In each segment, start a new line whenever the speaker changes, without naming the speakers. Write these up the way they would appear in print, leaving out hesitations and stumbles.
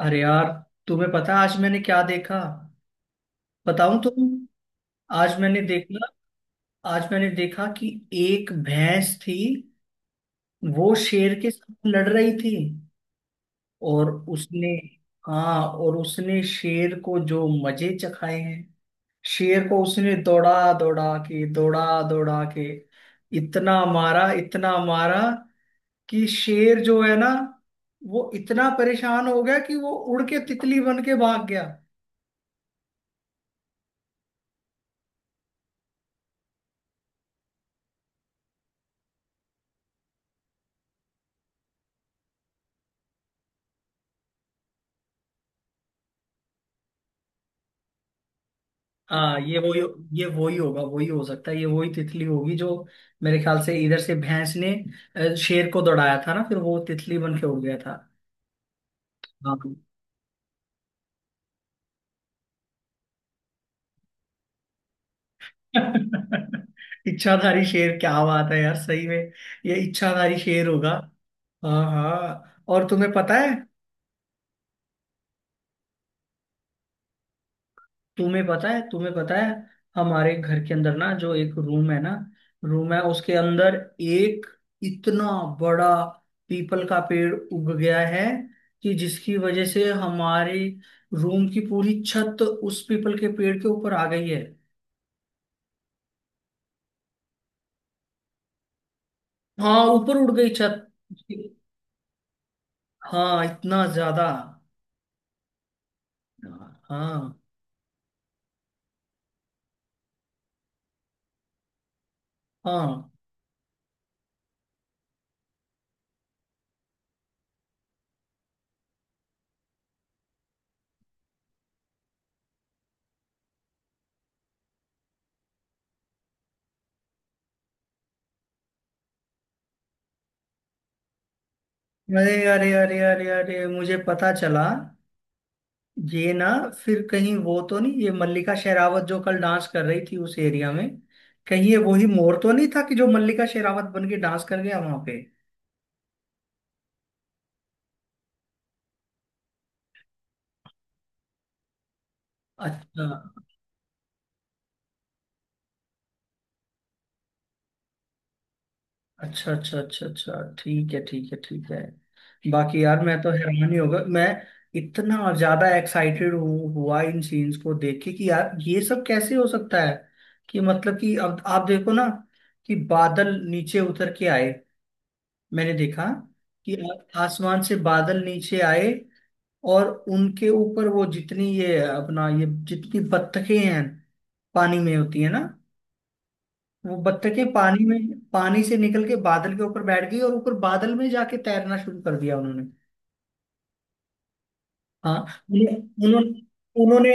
अरे यार। तुम्हें पता है आज मैंने क्या देखा? बताऊं तो तुम? आज मैंने देखा आज मैंने देखा कि एक भैंस थी, वो शेर के साथ लड़ रही थी। और उसने हाँ, और उसने शेर को जो मजे चखाए हैं। शेर को उसने दौड़ा दौड़ा के इतना मारा कि शेर जो है ना, वो इतना परेशान हो गया कि वो उड़ के तितली बन के भाग गया। हाँ, ये वही होगा, वही हो सकता है। ये वही तितली होगी जो, मेरे ख्याल से, इधर से भैंस ने शेर को दौड़ाया था ना, फिर वो तितली बन के उड़ गया था। हाँ। इच्छाधारी शेर, क्या बात है यार, सही में। ये इच्छाधारी शेर होगा। हाँ हाँ। और तुम्हें पता है तुम्हें पता है तुम्हें पता है हमारे घर के अंदर ना जो एक रूम है ना, रूम है उसके अंदर एक इतना बड़ा पीपल का पेड़ उग गया है कि जिसकी वजह से हमारे रूम की पूरी छत उस पीपल के पेड़ के ऊपर आ गई है। हाँ, ऊपर उड़ गई छत। हाँ, इतना ज्यादा। हाँ हाँ हाँ। अरे अरे अरे अरे अरे मुझे पता चला। ये ना, फिर कहीं वो तो नहीं, ये मल्लिका शेरावत जो कल डांस कर रही थी उस एरिया में? कहीं ये वही मोर तो नहीं था कि जो मल्लिका शेरावत बन के डांस कर गया वहां पे? अच्छा अच्छा अच्छा अच्छा अच्छा। ठीक है ठीक है ठीक है। बाकी यार मैं तो हैरान ही होगा मैं। इतना ज्यादा एक्साइटेड हुआ इन सीन्स को देख के कि यार ये सब कैसे हो सकता है? कि मतलब कि अब आप देखो ना कि बादल नीचे उतर के आए। मैंने देखा कि आसमान से बादल नीचे आए और उनके ऊपर वो जितनी ये अपना ये जितनी बत्तखें हैं, पानी में होती है ना, वो बत्तखें पानी में पानी से निकल के बादल के ऊपर बैठ गई और ऊपर बादल में जाके तैरना शुरू कर दिया उन्होंने। हाँ। उन्हें- उन्होंने उन्होंने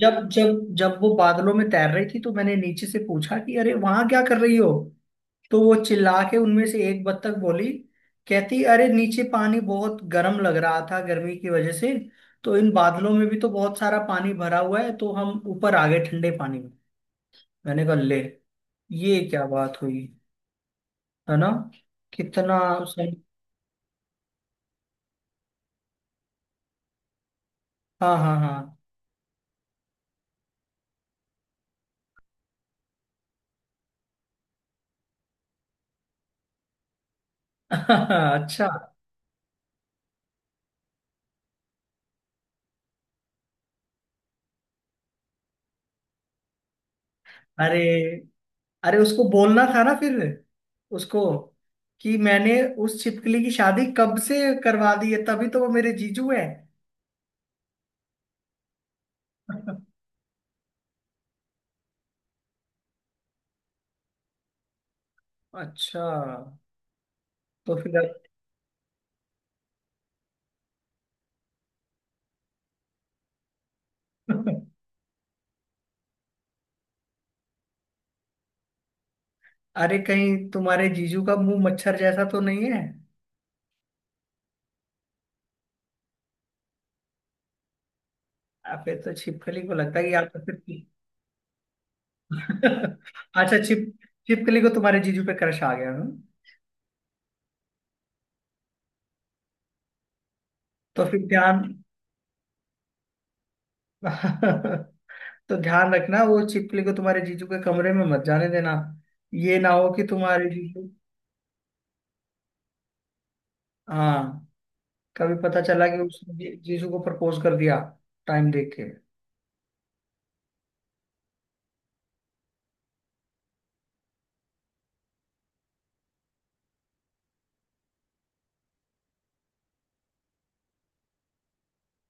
जब जब जब वो बादलों में तैर रही थी तो मैंने नीचे से पूछा कि अरे वहां क्या कर रही हो? तो वो चिल्ला के, उनमें से एक बत्तख बोली, कहती अरे नीचे पानी बहुत गर्म लग रहा था गर्मी की वजह से, तो इन बादलों में भी तो बहुत सारा पानी भरा हुआ है तो हम ऊपर आ गए ठंडे पानी में। मैंने कहा, ले! ये क्या बात हुई? है ना, कितना सही। हाँ हाँ हाँ। अच्छा। अरे, अरे उसको बोलना था ना फिर उसको कि मैंने उस छिपकली की शादी कब से करवा दी है, तभी तो वो मेरे जीजू है। अच्छा तो फिर? अरे कहीं तुम्हारे जीजू का मुंह मच्छर जैसा तो नहीं है? फिर तो छिपकली को लगता है कि आप तो फिर। अच्छा। छिपकली को तुम्हारे जीजू पे क्रश आ गया हूँ। तो फिर ध्यान तो ध्यान रखना, वो छिपकली को तुम्हारे जीजू के कमरे में मत जाने देना। ये ना हो कि तुम्हारे जीजू, हाँ, कभी पता चला कि उसने जीजू को प्रपोज कर दिया टाइम देख के।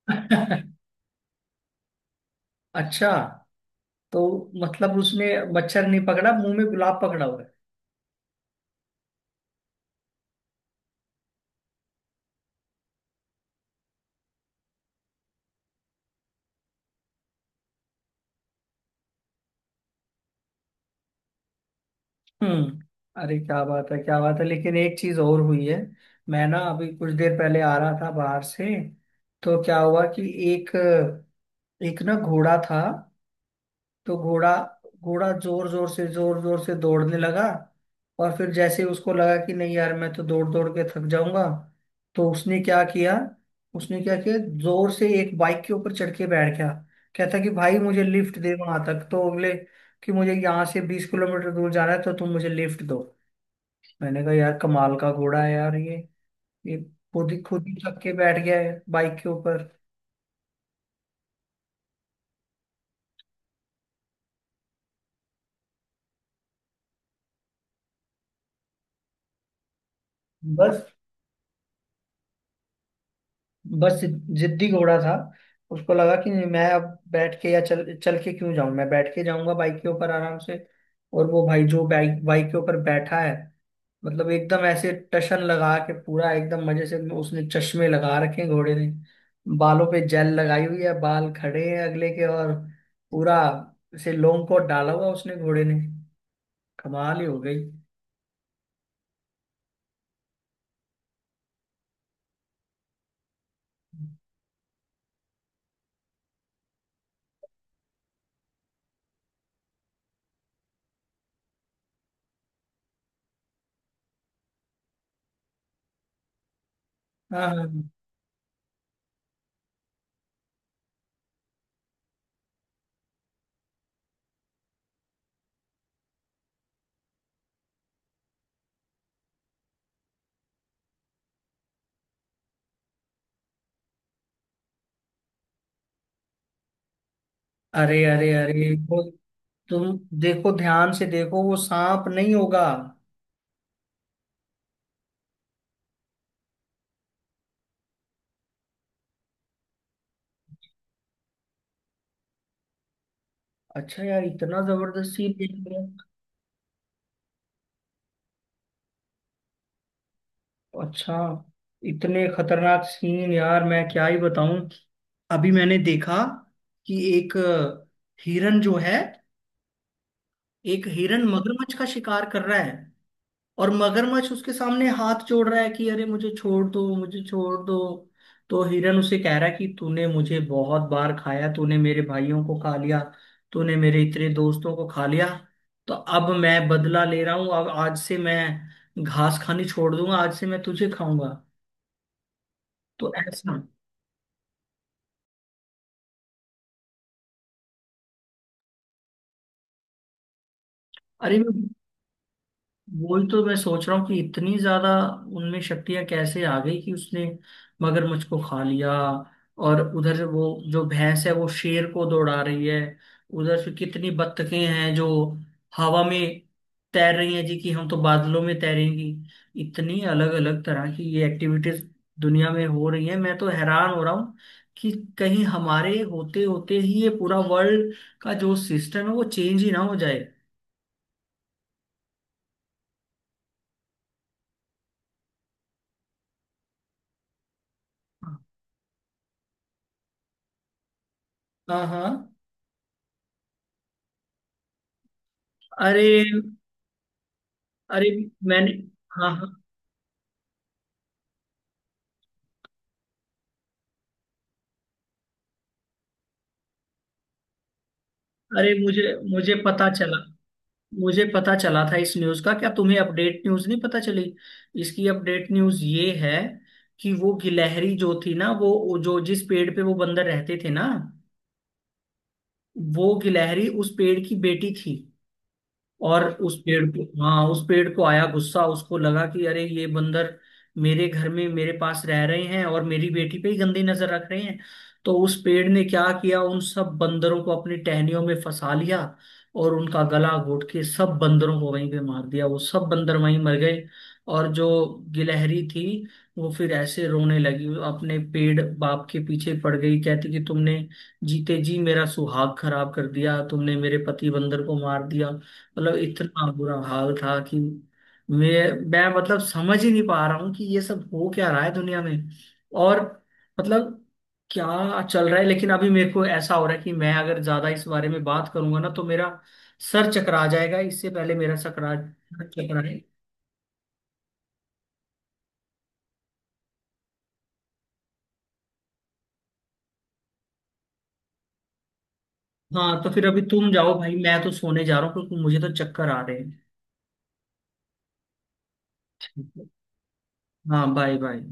अच्छा। तो मतलब उसने मच्छर नहीं पकड़ा, मुंह में गुलाब पकड़ा। हम्म। अरे क्या बात है, क्या बात है। लेकिन एक चीज और हुई है। मैं ना अभी कुछ देर पहले आ रहा था बाहर से, तो क्या हुआ कि एक एक ना घोड़ा था। तो घोड़ा घोड़ा जोर जोर से दौड़ने लगा, और फिर जैसे उसको लगा कि नहीं यार मैं तो दौड़ दौड़ के थक जाऊंगा, तो उसने क्या किया, उसने क्या किया, जोर से एक बाइक के ऊपर चढ़ के बैठ गया। कहता कि भाई मुझे लिफ्ट दे वहां तक, तो बोले कि मुझे यहाँ से 20 किलोमीटर दूर जाना है तो तुम मुझे लिफ्ट दो। मैंने कहा यार कमाल का घोड़ा है यार ये। ये खुद ही चक के बैठ गया है बाइक के ऊपर। बस बस जिद्दी घोड़ा था। उसको लगा कि नहीं, मैं अब बैठ के या चल चल के क्यों जाऊं, मैं बैठ के जाऊंगा बाइक के ऊपर आराम से। और वो भाई जो बाइक बाइक के ऊपर बैठा है, मतलब एकदम ऐसे टशन लगा के पूरा एकदम मजे से उसने चश्मे लगा रखे हैं घोड़े ने। बालों पे जेल लगाई हुई है, बाल खड़े हैं अगले के, और पूरा से लोम कोट डाला हुआ उसने घोड़े ने। कमाल ही हो गई। हाँ हाँ। अरे अरे अरे वो, तुम देखो ध्यान से देखो, वो सांप नहीं होगा। अच्छा यार इतना जबरदस्त सीन देख रहे हो। अच्छा। इतने खतरनाक सीन यार मैं क्या ही बताऊं। अभी मैंने देखा कि एक हिरन जो है, एक हिरन मगरमच्छ का शिकार कर रहा है। और मगरमच्छ उसके सामने हाथ जोड़ रहा है कि अरे मुझे छोड़ दो, मुझे छोड़ दो। तो हिरन उसे कह रहा है कि तूने मुझे बहुत बार खाया, तूने मेरे भाइयों को खा लिया, तूने मेरे इतने दोस्तों को खा लिया, तो अब मैं बदला ले रहा हूं। अब आज से मैं घास खानी छोड़ दूंगा, आज से मैं तुझे खाऊंगा। तो ऐसा। अरे वही तो मैं सोच रहा हूँ कि इतनी ज्यादा उनमें शक्तियां कैसे आ गई कि उसने मगरमच्छ को खा लिया। और उधर वो जो भैंस है वो शेर को दौड़ा रही है। उधर से कितनी बत्तखें हैं जो हवा में तैर रही हैं जी कि हम तो बादलों में तैरेंगी। इतनी अलग अलग तरह की ये एक्टिविटीज दुनिया में हो रही है। मैं तो हैरान हो रहा हूँ कि कहीं हमारे होते होते ही ये पूरा वर्ल्ड का जो सिस्टम है वो चेंज ही ना हो जाए। हाँ हाँ। अरे अरे। मैंने हाँ हाँ। अरे मुझे मुझे पता चला था इस न्यूज़ का, क्या तुम्हें अपडेट न्यूज़ नहीं पता चली? इसकी अपडेट न्यूज़ ये है कि वो गिलहरी जो थी ना, वो जो जिस पेड़ पे वो बंदर रहते थे ना, वो गिलहरी उस पेड़ की बेटी थी। और उस पेड़ को, हाँ, उस पेड़ को आया गुस्सा। उसको लगा कि अरे ये बंदर मेरे घर में मेरे पास रह रहे हैं और मेरी बेटी पे ही गंदी नजर रख रहे हैं। तो उस पेड़ ने क्या किया, उन सब बंदरों को अपनी टहनियों में फंसा लिया और उनका गला घोट के सब बंदरों को वहीं पे मार दिया, वो सब बंदर वहीं मर गए। और जो गिलहरी थी, वो फिर ऐसे रोने लगी, अपने पेड़ बाप के पीछे पड़ गई, कहती कि तुमने जीते जी मेरा सुहाग खराब कर दिया, तुमने मेरे पति बंदर को मार दिया। मतलब इतना बुरा हाल था कि मैं मतलब समझ ही नहीं पा रहा हूँ कि ये सब हो क्या रहा है दुनिया में और, मतलब क्या चल रहा है। लेकिन अभी मेरे को ऐसा हो रहा है कि मैं अगर ज्यादा इस बारे में बात करूंगा ना तो मेरा सर चकरा जाएगा, इससे पहले मेरा सकरा चकराए। हाँ तो फिर अभी तुम जाओ भाई, मैं तो सोने जा रहा हूँ क्योंकि मुझे तो चक्कर आ रहे हैं। हाँ बाय बाय।